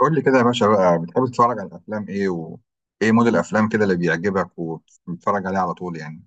قول لي كده يا باشا بقى، بتحب تتفرج على الافلام ايه؟ وايه مود الافلام كده اللي بيعجبك وبتتفرج عليه على طول يعني؟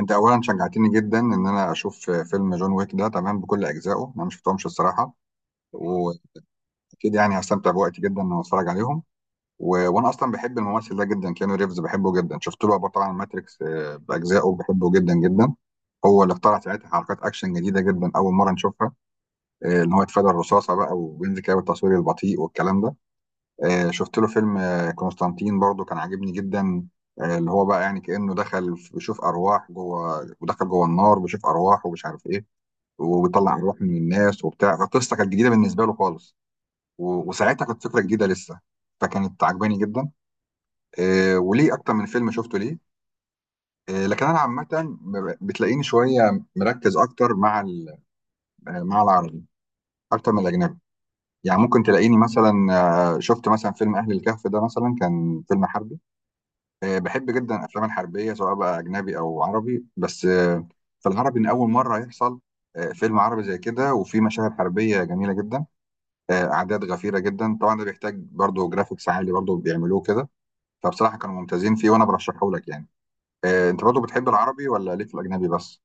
انت اولا شجعتني جدا ان انا اشوف فيلم جون ويك ده تمام بكل اجزائه. انا مش شفتهمش الصراحه، واكيد يعني هستمتع بوقتي جدا ان أنا اتفرج عليهم. و... وانا اصلا بحب الممثل ده جدا، كيانو ريفز بحبه جدا. شفت له بقى طبعا ماتريكس، باجزائه بحبه جدا جدا. هو اللي اخترع ساعتها حركات اكشن جديده جدا، اول مره نشوفها، ان هو يتفادى الرصاصه بقى وينزل كده بالتصوير البطيء والكلام ده. شفت له فيلم كونستانتين برضو، كان عاجبني جدا، اللي هو بقى يعني كأنه بيشوف أرواح جوه، ودخل جوه النار بيشوف أرواح ومش عارف إيه، وبيطلع أرواح من الناس وبتاع. فالقصة كانت جديدة بالنسبة له خالص، و- وساعتها كانت فكرة جديدة لسه، فكانت عجباني جدا. وليه أكتر من فيلم شفته ليه. لكن أنا عامة بتلاقيني شوية مركز أكتر مع العربي أكتر من الأجنبي. يعني ممكن تلاقيني مثلا، شفت مثلا فيلم أهل الكهف ده مثلا، كان فيلم حربي. بحب جدا الافلام الحربيه سواء بقى اجنبي او عربي، بس في العربي ان اول مره يحصل فيلم عربي زي كده، وفي مشاهد حربيه جميله جدا، اعداد غفيره جدا. طبعا ده بيحتاج برضو جرافيكس عالي، برضو بيعملوه كده. فبصراحه كانوا ممتازين فيه، وانا برشحه لك يعني. انت برضو بتحب العربي، ولا ليك في الاجنبي بس؟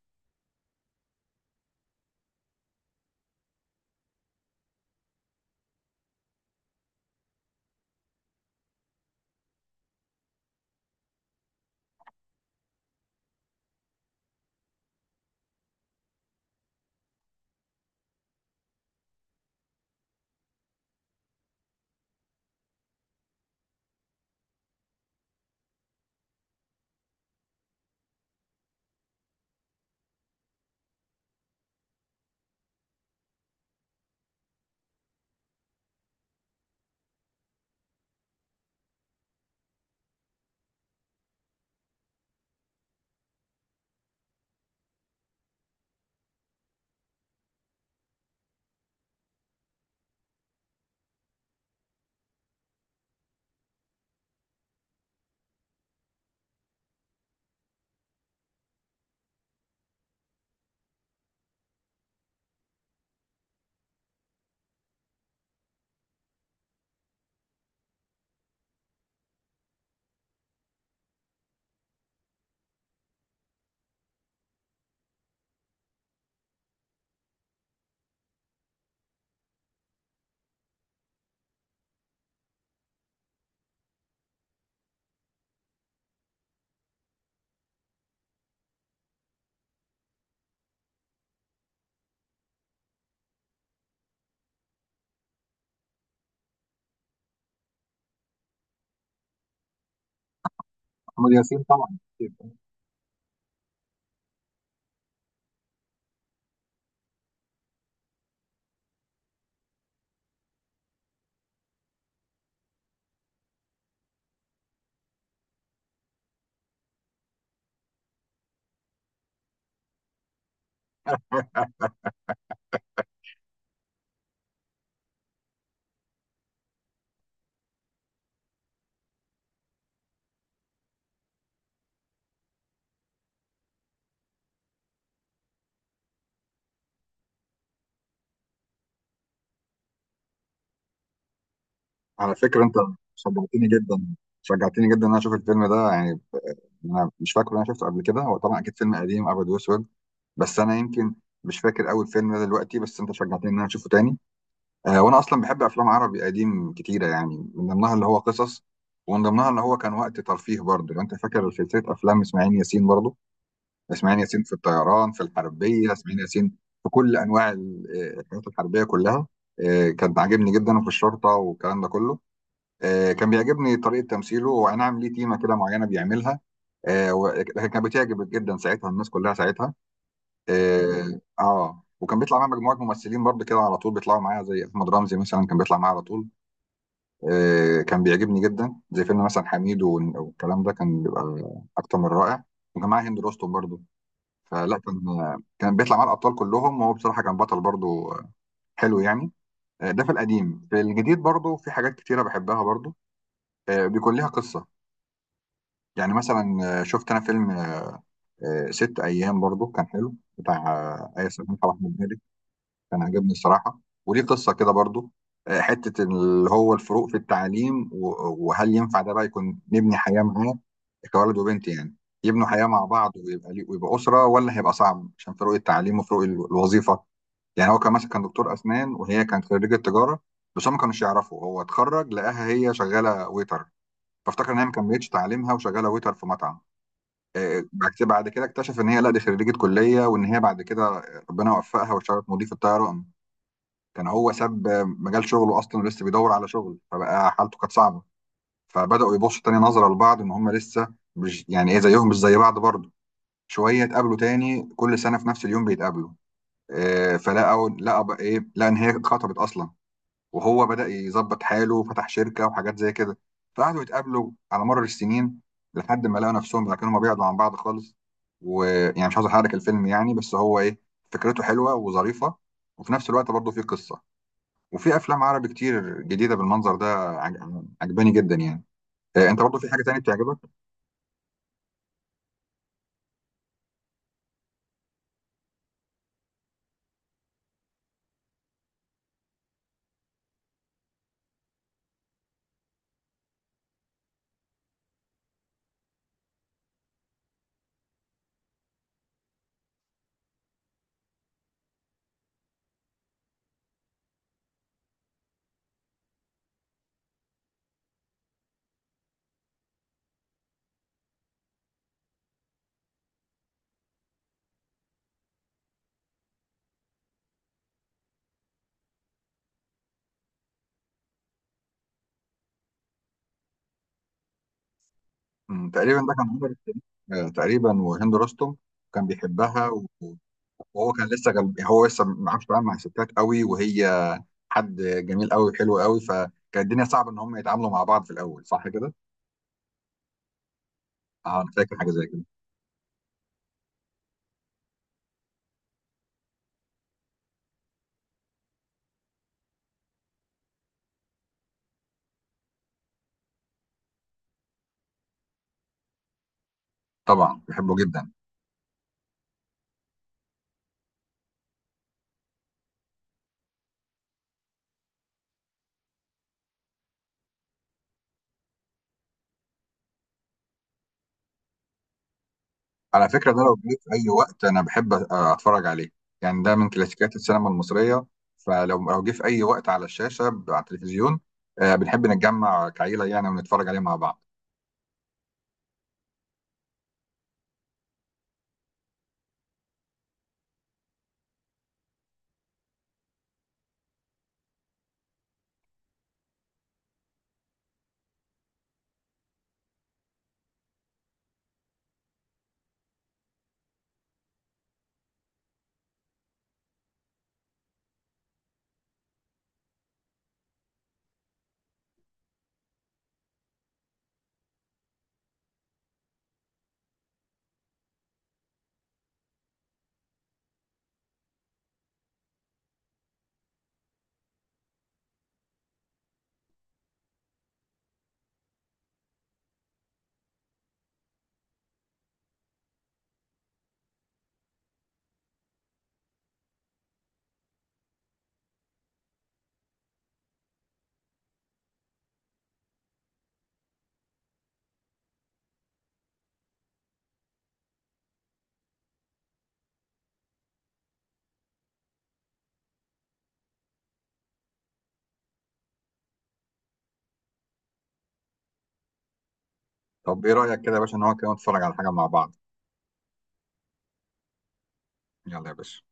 محمد ياسين طبعا. على فكره، انت شجعتني جدا، ان انا اشوف الفيلم ده يعني. انا مش فاكر ان انا شفته قبل كده، هو طبعا اكيد فيلم قديم ابيض واسود، بس انا يمكن مش فاكر اول فيلم ده دلوقتي، بس انت شجعتني ان انا اشوفه تاني. آه، وانا اصلا بحب افلام عربي قديم كتيره، يعني من ضمنها اللي هو قصص، ومن ضمنها اللي هو كان وقت ترفيه برضه. لو انت فاكر سلسله افلام اسماعيل ياسين برضه، اسماعيل ياسين في الطيران، في الحربيه، اسماعيل ياسين في كل الحاجات الحربيه كلها. آه، كان عاجبني جدا، وفي الشرطه والكلام ده كله. آه، كان بيعجبني طريقه تمثيله، واي نعم ليه تيمه كده معينه بيعملها، لكن كانت بتعجب جدا ساعتها، الناس كلها ساعتها. وكان بيطلع معايا مجموعه ممثلين برضه كده على طول، بيطلعوا معايا زي احمد رمزي مثلا، كان بيطلع معايا على طول. آه، كان بيعجبني جدا زي فيلم مثلا حميد وال- والكلام ده، كان بيبقى اكتر من رائع. وكان معايا هند رستم برضه. فلا كان كان بيطلع معايا الابطال كلهم، وهو بصراحه كان بطل برضه حلو يعني. آه، ده في القديم. في الجديد برضه في حاجات كتيره بحبها برضه، آه، بيكون ليها قصه. يعني مثلا شفت انا فيلم آه، ست ايام برضه، كان حلو، بتاع آه، آية سلمان طبعا. كان عجبني الصراحة، وليه قصة كده برضو، حتة اللي هو الفروق في التعليم، و- وهل ينفع ده بقى يكون نبني حياة معاه كولد وبنت يعني؟ يبنوا حياة مع بعض ويبقى لي- ويبقى أسرة، ولا هيبقى صعب عشان فروق التعليم وفروق الوظيفة؟ يعني هو كان مثلا دكتور أسنان، وهي كانت خريجة تجارة، بس هم ما كانوش يعرفوا. هو اتخرج لقاها هي شغالة ويتر، فافتكر إن هي ما كملتش تعليمها وشغالة ويتر في مطعم. آه، بعد كده اكتشف إن هي لا، دي خريجة كلية، وإن هي بعد كده ربنا وفقها واشتغلت مضيف الطيران. كان هو ساب مجال شغله اصلا، ولسه بيدور على شغل، فبقى حالته كانت صعبه. فبداوا يبصوا تاني نظره لبعض ان هم لسه مش يعني ايه زيهم، مش زي بعض برضه شويه. اتقابلوا تاني، كل سنه في نفس اليوم بيتقابلوا، فلقوا لقى بقى ايه لقى ان هي اتخطبت اصلا، وهو بدا يظبط حاله وفتح شركه وحاجات زي كده. فقعدوا يتقابلوا على مر السنين، لحد ما لقوا نفسهم بقى كانوا ما بيبعدوا عن بعض خالص. ويعني مش عاوز احرق الفيلم يعني، بس هو ايه، فكرته حلوه وظريفه، وفي نفس الوقت برضه فيه قصه. وفي افلام عربي كتير جديده بالمنظر ده عجباني جدا يعني. آه، انت برضو في حاجه تانية بتعجبك؟ مم، تقريبا ده كان عمر الشريف، آه، تقريبا، وهند رستم كان بيحبها. و- وهو كان لسه جنب، هو لسه ما عرفش يتعامل مع الستات قوي، وهي حد جميل قوي وحلو قوي، فكانت الدنيا صعبه ان هم يتعاملوا مع بعض في الاول، صح كده؟ اه، انا فاكر حاجه زي كده. طبعا بحبه جدا. على فكرة، ده لو جه في أي وقت أنا بحب أتفرج عليه، يعني ده من كلاسيكيات السينما المصرية. فلو جه في أي وقت على الشاشة، على التلفزيون، آه، بنحب نتجمع كعيلة يعني ونتفرج عليه مع بعض. طب إيه رأيك كده يا باشا إن هو كده نتفرج على حاجة مع بعض؟ يلا يا باشا.